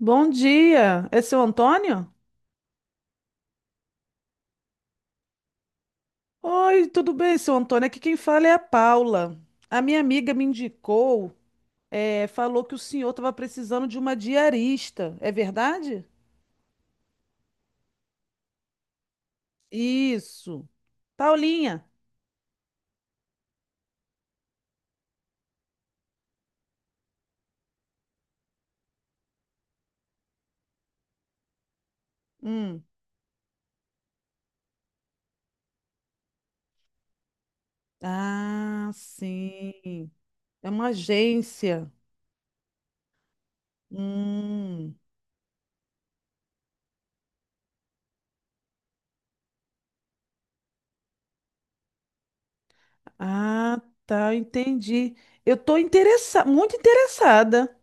Bom dia, é seu Antônio? Oi, tudo bem, seu Antônio? Aqui quem fala é a Paula. A minha amiga me indicou, falou que o senhor estava precisando de uma diarista, é verdade? Isso. Paulinha. Hum. Ah, sim. É uma agência. Hum. Ah, tá, entendi. Eu estou interessada, muito interessada.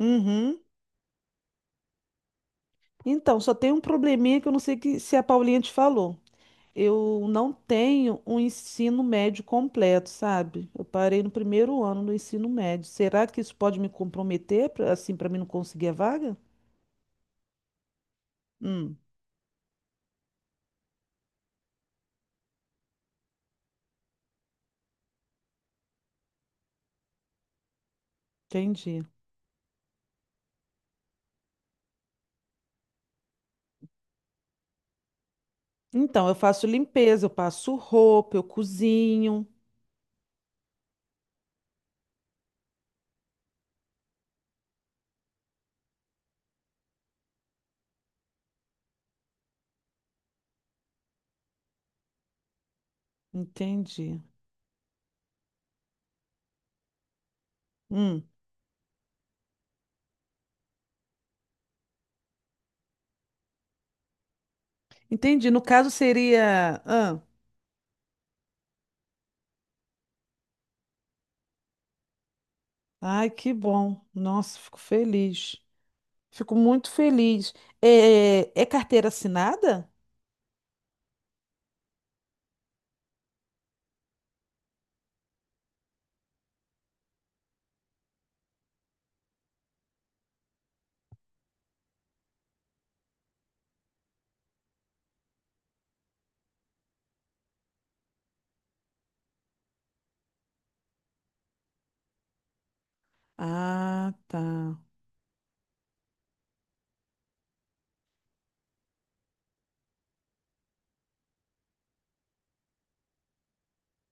Uhum. Então, só tem um probleminha que eu não sei se a Paulinha te falou. Eu não tenho um ensino médio completo, sabe? Eu parei no primeiro ano do ensino médio. Será que isso pode me comprometer, assim, para mim não conseguir a vaga? Hum, entendi. Então, eu faço limpeza, eu passo roupa, eu cozinho. Entendi. Hum, entendi. No caso seria. Ah, ai, que bom. Nossa, fico feliz. Fico muito feliz. É, é carteira assinada? Ah, tá.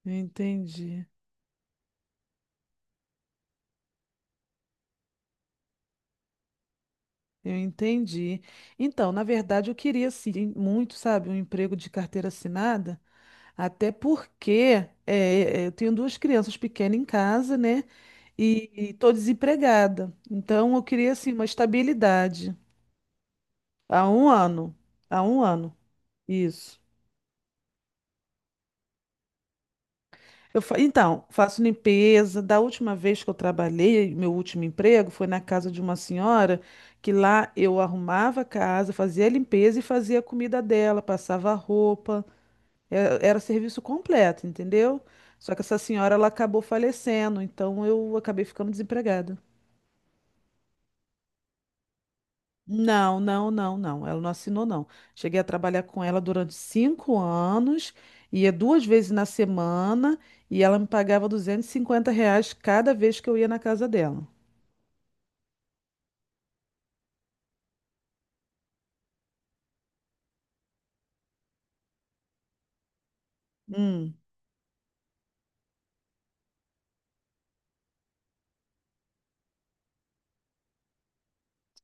Entendi. Eu entendi. Então, na verdade, eu queria sim, muito, sabe, um emprego de carteira assinada, até porque eu tenho duas crianças pequenas em casa, né? E estou desempregada. Então, eu queria assim uma estabilidade. Há um ano. Há um ano. Isso. Então, faço limpeza. Da última vez que eu trabalhei, meu último emprego foi na casa de uma senhora que lá eu arrumava a casa, fazia a limpeza e fazia a comida dela, passava a roupa. Era serviço completo, entendeu? Só que essa senhora ela acabou falecendo, então eu acabei ficando desempregada. Não, não, não, não. Ela não assinou, não. Cheguei a trabalhar com ela durante 5 anos, ia 2 vezes na semana e ela me pagava R$ 250 cada vez que eu ia na casa dela. Hum,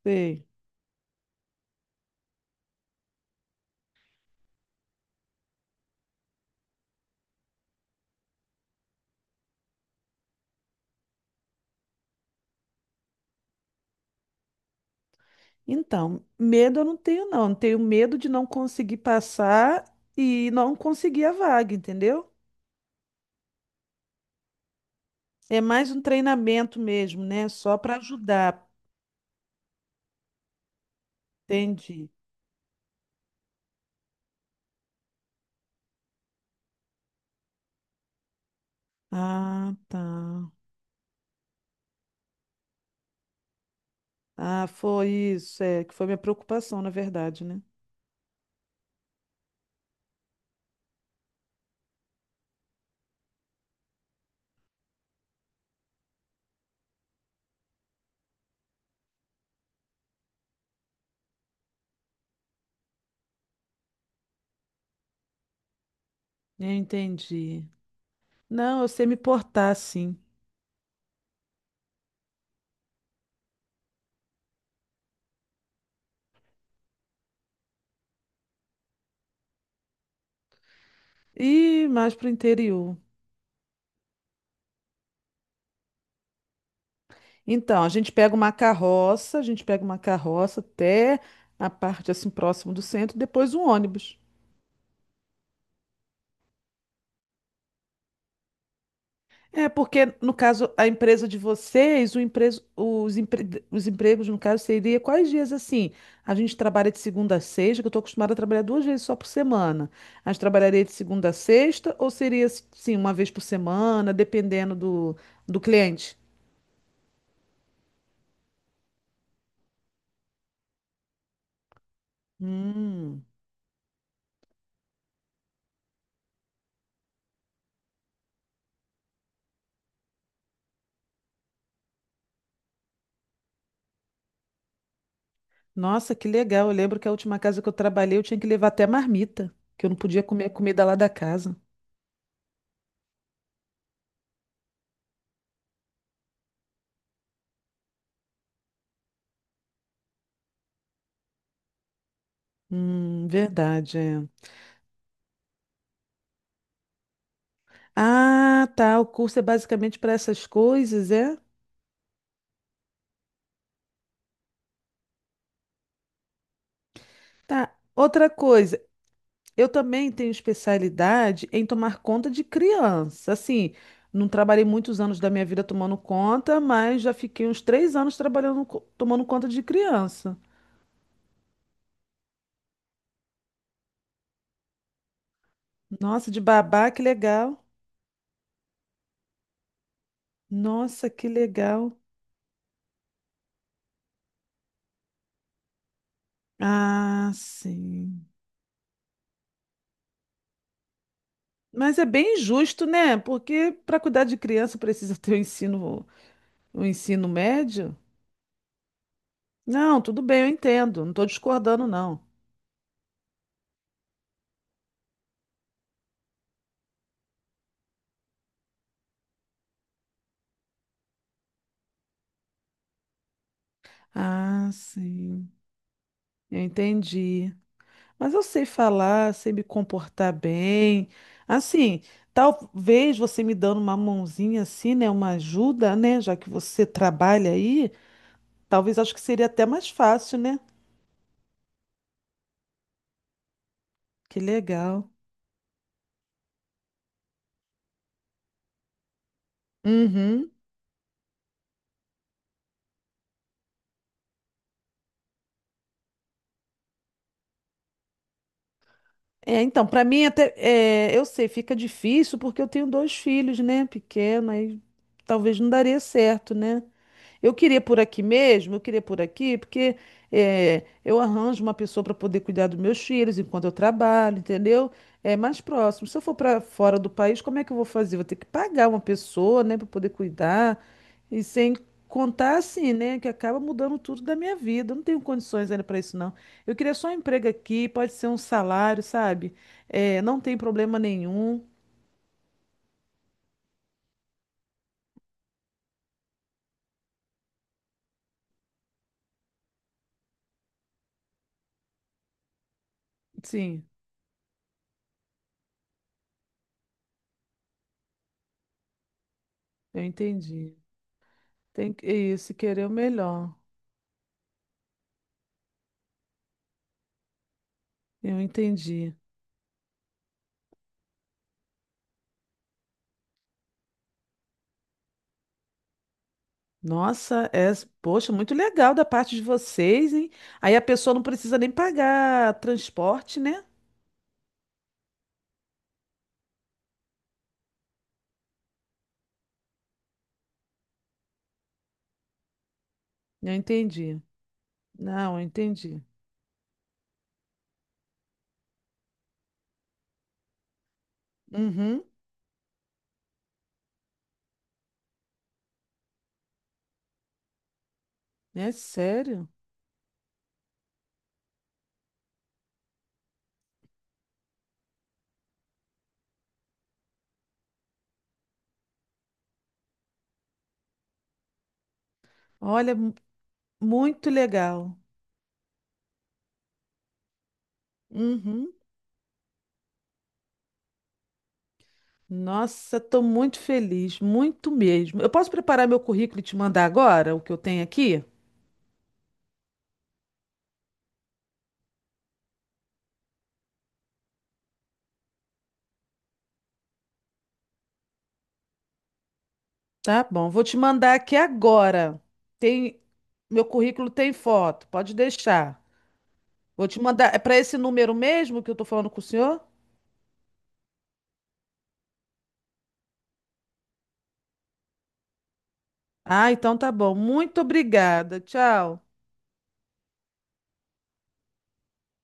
sei. Então, medo eu não tenho, não. Eu tenho medo de não conseguir passar e não conseguir a vaga, entendeu? É mais um treinamento mesmo, né? Só para ajudar. Entendi. Ah, tá. Ah, foi isso, é, que foi minha preocupação, na verdade, né? Eu entendi. Não, eu sei me portar, sim. E mais para o interior. Então, a gente pega uma carroça, a gente pega uma carroça até a parte assim próximo do centro, depois um ônibus. É, porque no caso, a empresa de vocês, o empreso- os, empre- os empregos, no caso, seria quais dias assim? A gente trabalha de segunda a sexta, que eu estou acostumada a trabalhar 2 vezes só por semana. A gente trabalharia de segunda a sexta, ou seria sim, uma vez por semana, dependendo do, do cliente? Hum, nossa, que legal. Eu lembro que a última casa que eu trabalhei, eu tinha que levar até marmita, que eu não podia comer a comida lá da casa. Verdade, é. Ah, tá. O curso é basicamente para essas coisas, é? Tá. Outra coisa, eu também tenho especialidade em tomar conta de criança. Assim, não trabalhei muitos anos da minha vida tomando conta, mas já fiquei uns 3 anos tomando conta de criança. Nossa, de babá, que legal. Nossa, que legal. Ah, sim. Mas é bem injusto, né? Porque para cuidar de criança precisa ter o ensino médio. Não, tudo bem, eu entendo. Não estou discordando, não. Ah, sim. Eu entendi. Mas eu sei falar, sei me comportar bem. Assim, talvez você me dando uma mãozinha assim, né? Uma ajuda, né? Já que você trabalha aí, talvez acho que seria até mais fácil, né? Que legal. Uhum. É, então, para mim até, é, eu sei, fica difícil porque eu tenho dois filhos, né? Pequeno, aí talvez não daria certo, né? Eu queria por aqui mesmo, eu queria por aqui, porque eu arranjo uma pessoa para poder cuidar dos meus filhos enquanto eu trabalho, entendeu? É mais próximo. Se eu for para fora do país, como é que eu vou fazer? Vou ter que pagar uma pessoa, né, para poder cuidar. E sem contar assim, né, que acaba mudando tudo da minha vida. Eu não tenho condições ainda para isso, não. Eu queria só um emprego aqui, pode ser um salário, sabe? Não tem problema nenhum. Sim, eu entendi. Tem que, é isso, querer o melhor. Eu entendi. Nossa, é, poxa, muito legal da parte de vocês, hein? Aí a pessoa não precisa nem pagar transporte, né? Eu entendi. Não, eu entendi. Uhum. É sério? Olha, muito legal. Uhum. Nossa, estou muito feliz, muito mesmo. Eu posso preparar meu currículo e te mandar agora o que eu tenho aqui? Tá bom, vou te mandar aqui agora. Tem meu currículo tem foto, pode deixar. Vou te mandar, é para esse número mesmo que eu tô falando com o senhor? Ah, então tá bom. Muito obrigada. Tchau.